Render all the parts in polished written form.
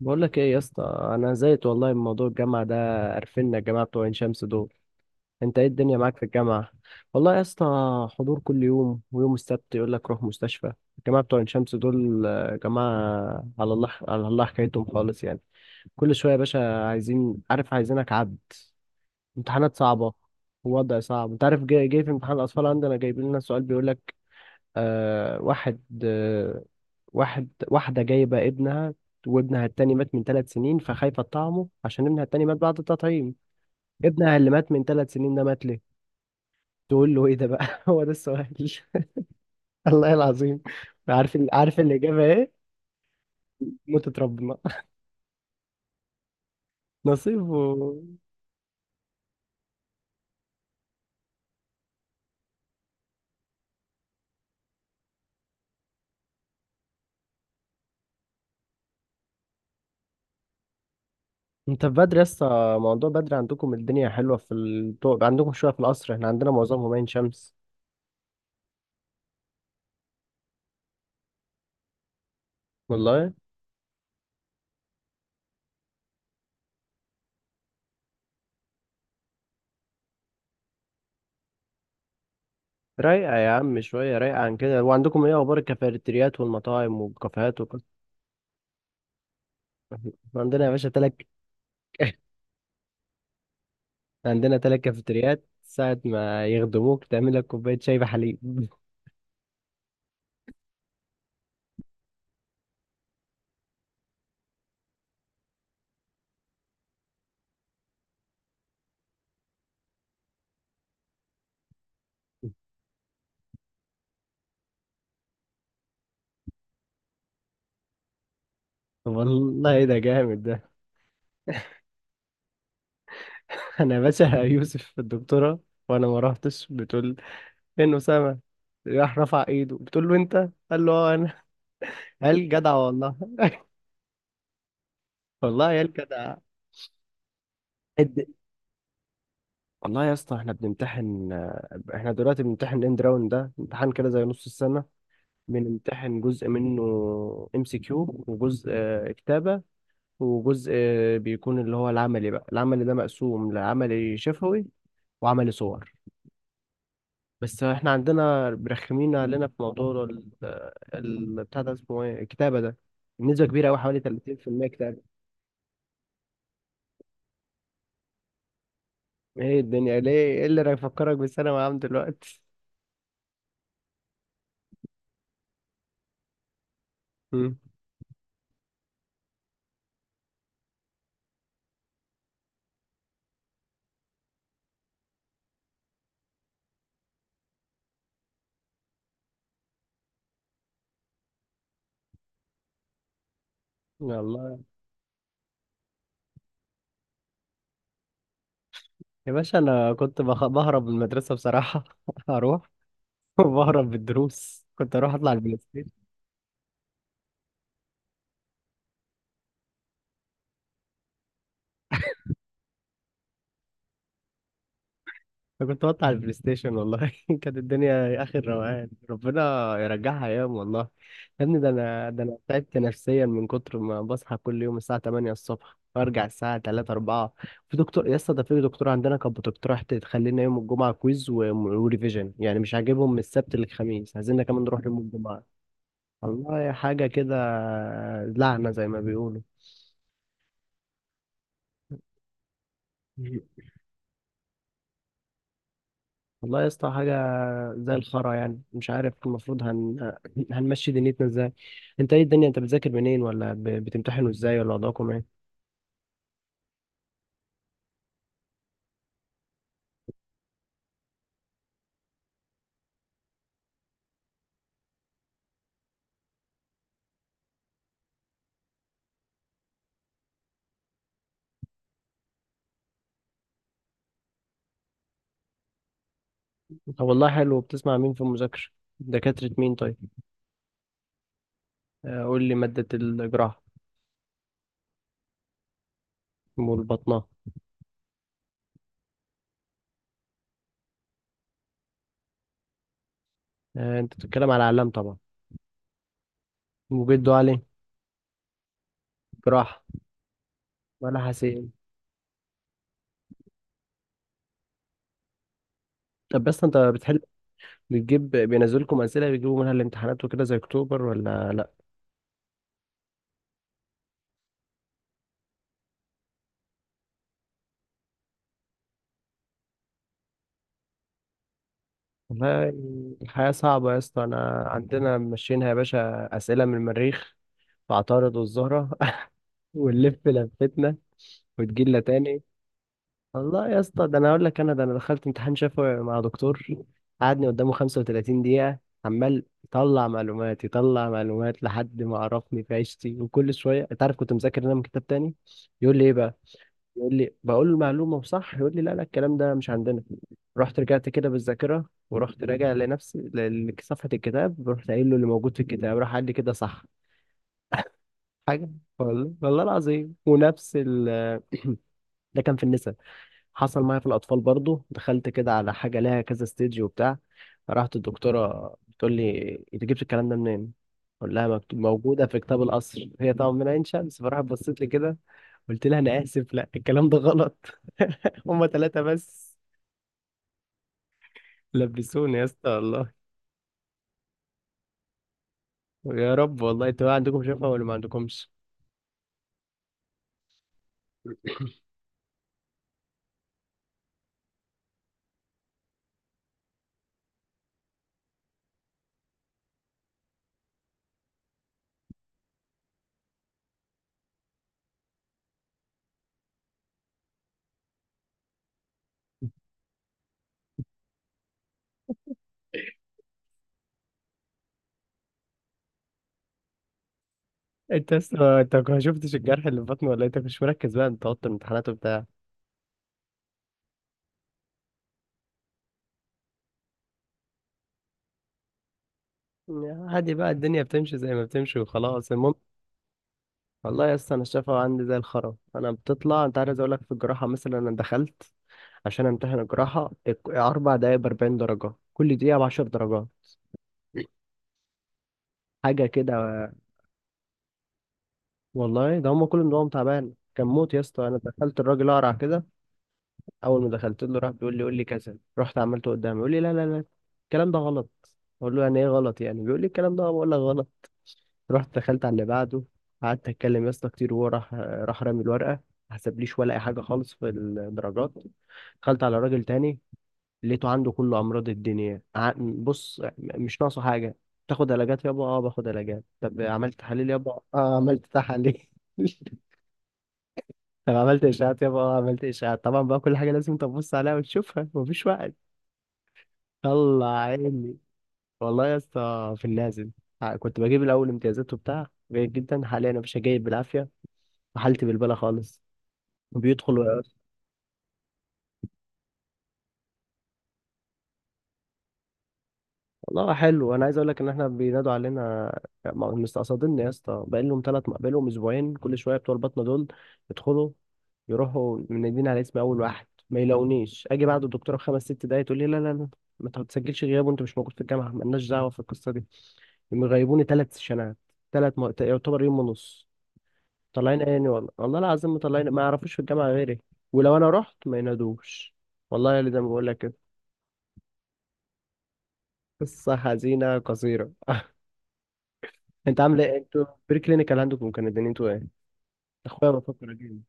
بقول لك ايه يا اسطى؟ انا زهقت والله من موضوع الجامعه ده. قرفنا الجماعه بتوع عين شمس دول. انت ايه الدنيا معاك في الجامعه؟ والله يا اسطى، حضور كل يوم ويوم السبت يقول لك روح مستشفى. الجماعه بتوع عين شمس دول آه، جماعه. على الله على الله حكايتهم خالص يعني. كل شويه يا باشا عايزين، عارف، عايزينك عبد. امتحانات صعبه ووضع صعب، انت عارف. جاي في امتحان الاطفال عندنا، جايبين لنا سؤال بيقول لك واحد، واحد، واحدة جايبة ابنها، وابنها التاني مات من 3 سنين فخايفة تطعمه عشان ابنها التاني مات بعد التطعيم. ابنها اللي مات من ثلاث سنين ده مات ليه؟ تقول له ايه ده بقى؟ هو ده السؤال. الله العظيم. عارف الإجابة ايه؟ موتة ربنا. نصيب انت بدري لسه، موضوع بدري عندكم، الدنيا حلوة في عندكم شوية في القصر، احنا عندنا معظمهم عين شمس. والله رايقة يا عم شوية، رايقة عن كده. وعندكم ايه اخبار الكافيتريات والمطاعم والكافيهات وكده؟ عندنا يا باشا تلات، عندنا 3 كافيتريات، ساعة ما يخدموك تعمل لك كوباية شاي بحليب. والله ده جامد ده. أنا يا باشا يوسف الدكتورة، وأنا ما رحتش، بتقول فين أسامة؟ راح رفع إيده، بتقول له أنت؟ قال له أه أنا. قال جدع والله. والله يا الجدع. قد- والله يا اسطى، احنا بنمتحن. احنا دلوقتي بنمتحن اند راوند، ده امتحان كده زي نص السنة. بنمتحن جزء منه ام سي كيو، وجزء كتابة، وجزء بيكون اللي هو العملي بقى. العملي ده مقسوم لعملي شفوي وعملي صور. بس احنا عندنا برخمين علينا في موضوع بتاع ده اسمه ايه، الكتابة ده نسبة كبيرة أوي، حوالي 30% كتابة. ايه الدنيا ليه، ايه اللي هيفكرك بالثانوي عام دلوقتي؟ مم. والله يا باشا أنا كنت بهرب من المدرسة بصراحة. أروح وبهرب بالدروس، كنت أروح أطلع البلاي. انا كنت بقطع البلاي ستيشن والله. كانت الدنيا اخر روقان، ربنا يرجعها ايام والله. يا ابني، ده انا، ده انا تعبت نفسيا من كتر ما بصحى كل يوم الساعه 8 الصبح وارجع الساعه 3 4. في دكتور يا اسطى، ده في دكتور عندنا كانت بتقترح تخلينا يوم الجمعه كويز وريفيجن، يعني مش عاجبهم من السبت للخميس، عايزيننا كمان نروح يوم الجمعه. والله حاجه كده، لعنه زي ما بيقولوا. والله يا اسطى حاجة زي الخرا، يعني مش عارف المفروض هنمشي دنيتنا ازاي؟ انت ايه الدنيا، انت بتذاكر منين، ولا بتمتحنوا ازاي، ولا وضعكم ايه؟ طب والله حلو. بتسمع مين في المذاكرة؟ دكاترة مين طيب؟ قول لي مادة الجراحة والبطنة. انت بتتكلم على علام طبعا، وجدوا علي، جراحة ولا حسين. طب بس انت بتحل، بتجيب؟ بينزلكم أسئلة بيجيبوا منها الامتحانات وكده زي أكتوبر ولا لأ؟ والله الحياة صعبة يا اسطى. أنا عندنا ماشيينها يا باشا، أسئلة من المريخ فاعترضوا الزهرة، ونلف لفتنا وتجيلنا تاني. الله يا اسطى، ده انا اقول لك، انا ده انا دخلت امتحان شفوي مع دكتور، قعدني قدامه 35 دقيقة، عمال يطلع معلومات يطلع معلومات لحد ما عرفني في عيشتي، وكل شوية انت عارف كنت مذاكر انا من كتاب تاني. يقول لي ايه بقى؟ يقول لي، بقول له المعلومة وصح، يقول لي لا لا الكلام ده مش عندنا. رحت رجعت كده بالذاكرة، ورحت راجع لنفسي لصفحة الكتاب، ورحت قايل له اللي موجود في الكتاب، راح قال لي كده صح. حاجة والله، والله العظيم. ونفس ال، ده كان في النساء. حصل معايا في الأطفال برضو، دخلت كده على حاجة لها كذا ستيج وبتاع، رحت الدكتورة بتقول لي أنت جبت الكلام ده منين؟ قول لها مكتوب، موجودة في كتاب القصر، هي طبعا من عين شمس فراحت بصيت لي كده. قلت لها أنا آسف، لا الكلام ده غلط. هما 3 بس. لبسوني يا اسطى والله. يا رب والله، انتوا بقى عندكم شفا ولا ما عندكمش؟ انت يا اسطى، انت ما شفتش الجرح اللي في بطني ولا إيه؟ انت مش مركز بقى انت وقت الامتحانات وبتاع. عادي بقى، الدنيا بتمشي زي ما بتمشي وخلاص. المهم والله يا اسطى، انا الشفا عندي زي الخرا. انا بتطلع، انت عايز اقول لك، في الجراحه مثلا انا دخلت عشان امتحن الجراحه 4 دقايق ب 40 درجه، كل دقيقه ب 10 درجات. حاجه كده والله، ده هم كل نظام تعبان كان موت. يا اسطى، انا دخلت الراجل اقرع كده، اول ما دخلت له راح بيقول لي قول لي كذا، رحت عملته قدامي يقول لي لا لا لا الكلام ده غلط. اقول له يعني ايه غلط، يعني بيقول لي الكلام ده بقول لك غلط. رحت دخلت على اللي بعده، قعدت اتكلم يا اسطى كتير، وهو راح رامي الورقه، ما حسبليش ولا اي حاجه خالص في الدرجات. دخلت على راجل تاني، لقيته عنده كل امراض الدنيا. بص مش ناقصه حاجه، تاخد علاجات يابا، اه باخد علاجات، طب عملت تحاليل يابا، اه عملت تحاليل. طب عملت اشاعات يابا، اه عملت اشاعات. طبعا بقى كل حاجه لازم تبص عليها وتشوفها، مفيش وقت، طلع عيني. والله يا اسطى في النازل، كنت بجيب الاول امتيازات وبتاع جيد جدا، حاليا انا مش جايب بالعافيه، حالتي بالبالة خالص، وبيدخل ويقعد. والله حلو، انا عايز اقول لك ان احنا بينادوا علينا مستقصدين يا اسطى، بقى لهم ثلاث، بقى لهم اسبوعين، كل شويه بتوع البطنه دول يدخلوا يروحوا منادين على اسم اول واحد ما يلاقونيش، اجي بعد الدكتوره بخمس ست دقايق تقول لي لا لا لا ما تسجلش غياب، وانت مش موجود في الجامعه مالناش دعوه في القصه دي. مغيبوني 3 سيشنات، يعتبر يوم ونص. طلعين عيني والله، والله العظيم مطلعين، ما يعرفوش في الجامعه غيري، ولو انا رحت ما ينادوش. والله اللي زي ما بقول لك كده. قصة حزينة قصيرة. انت عامل ايه؟ انتوا بري كلينيكال عندكم كان الدنيا، انتوا ايه؟ اخويا بفكر اجيب.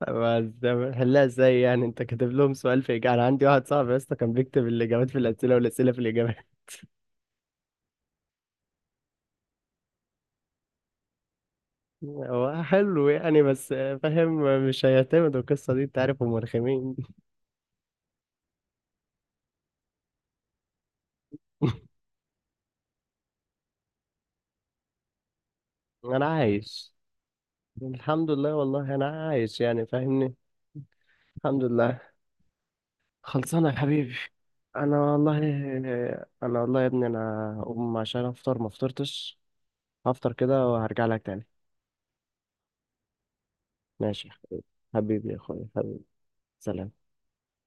بس هلا ازاي يعني انت كاتب لهم سؤال في اجابة؟ انا عندي واحد صاحبي يا اسطى كان بيكتب الاجابات في الاسئله والاسئله في الاجابات. هو حلو يعني، بس فاهم مش هيعتمدوا القصه دي، انت عارف هم رخمين. انا عايش الحمد لله. والله انا عايش يعني فاهمني، الحمد لله. خلصانه يا حبيبي. انا والله، انا والله يا ابني انا اقوم عشان افطر ما فطرتش، هفطر كده وهرجع لك تاني. ماشي يا حبيبي، حبيبي يا اخويا حبيبي. سلام.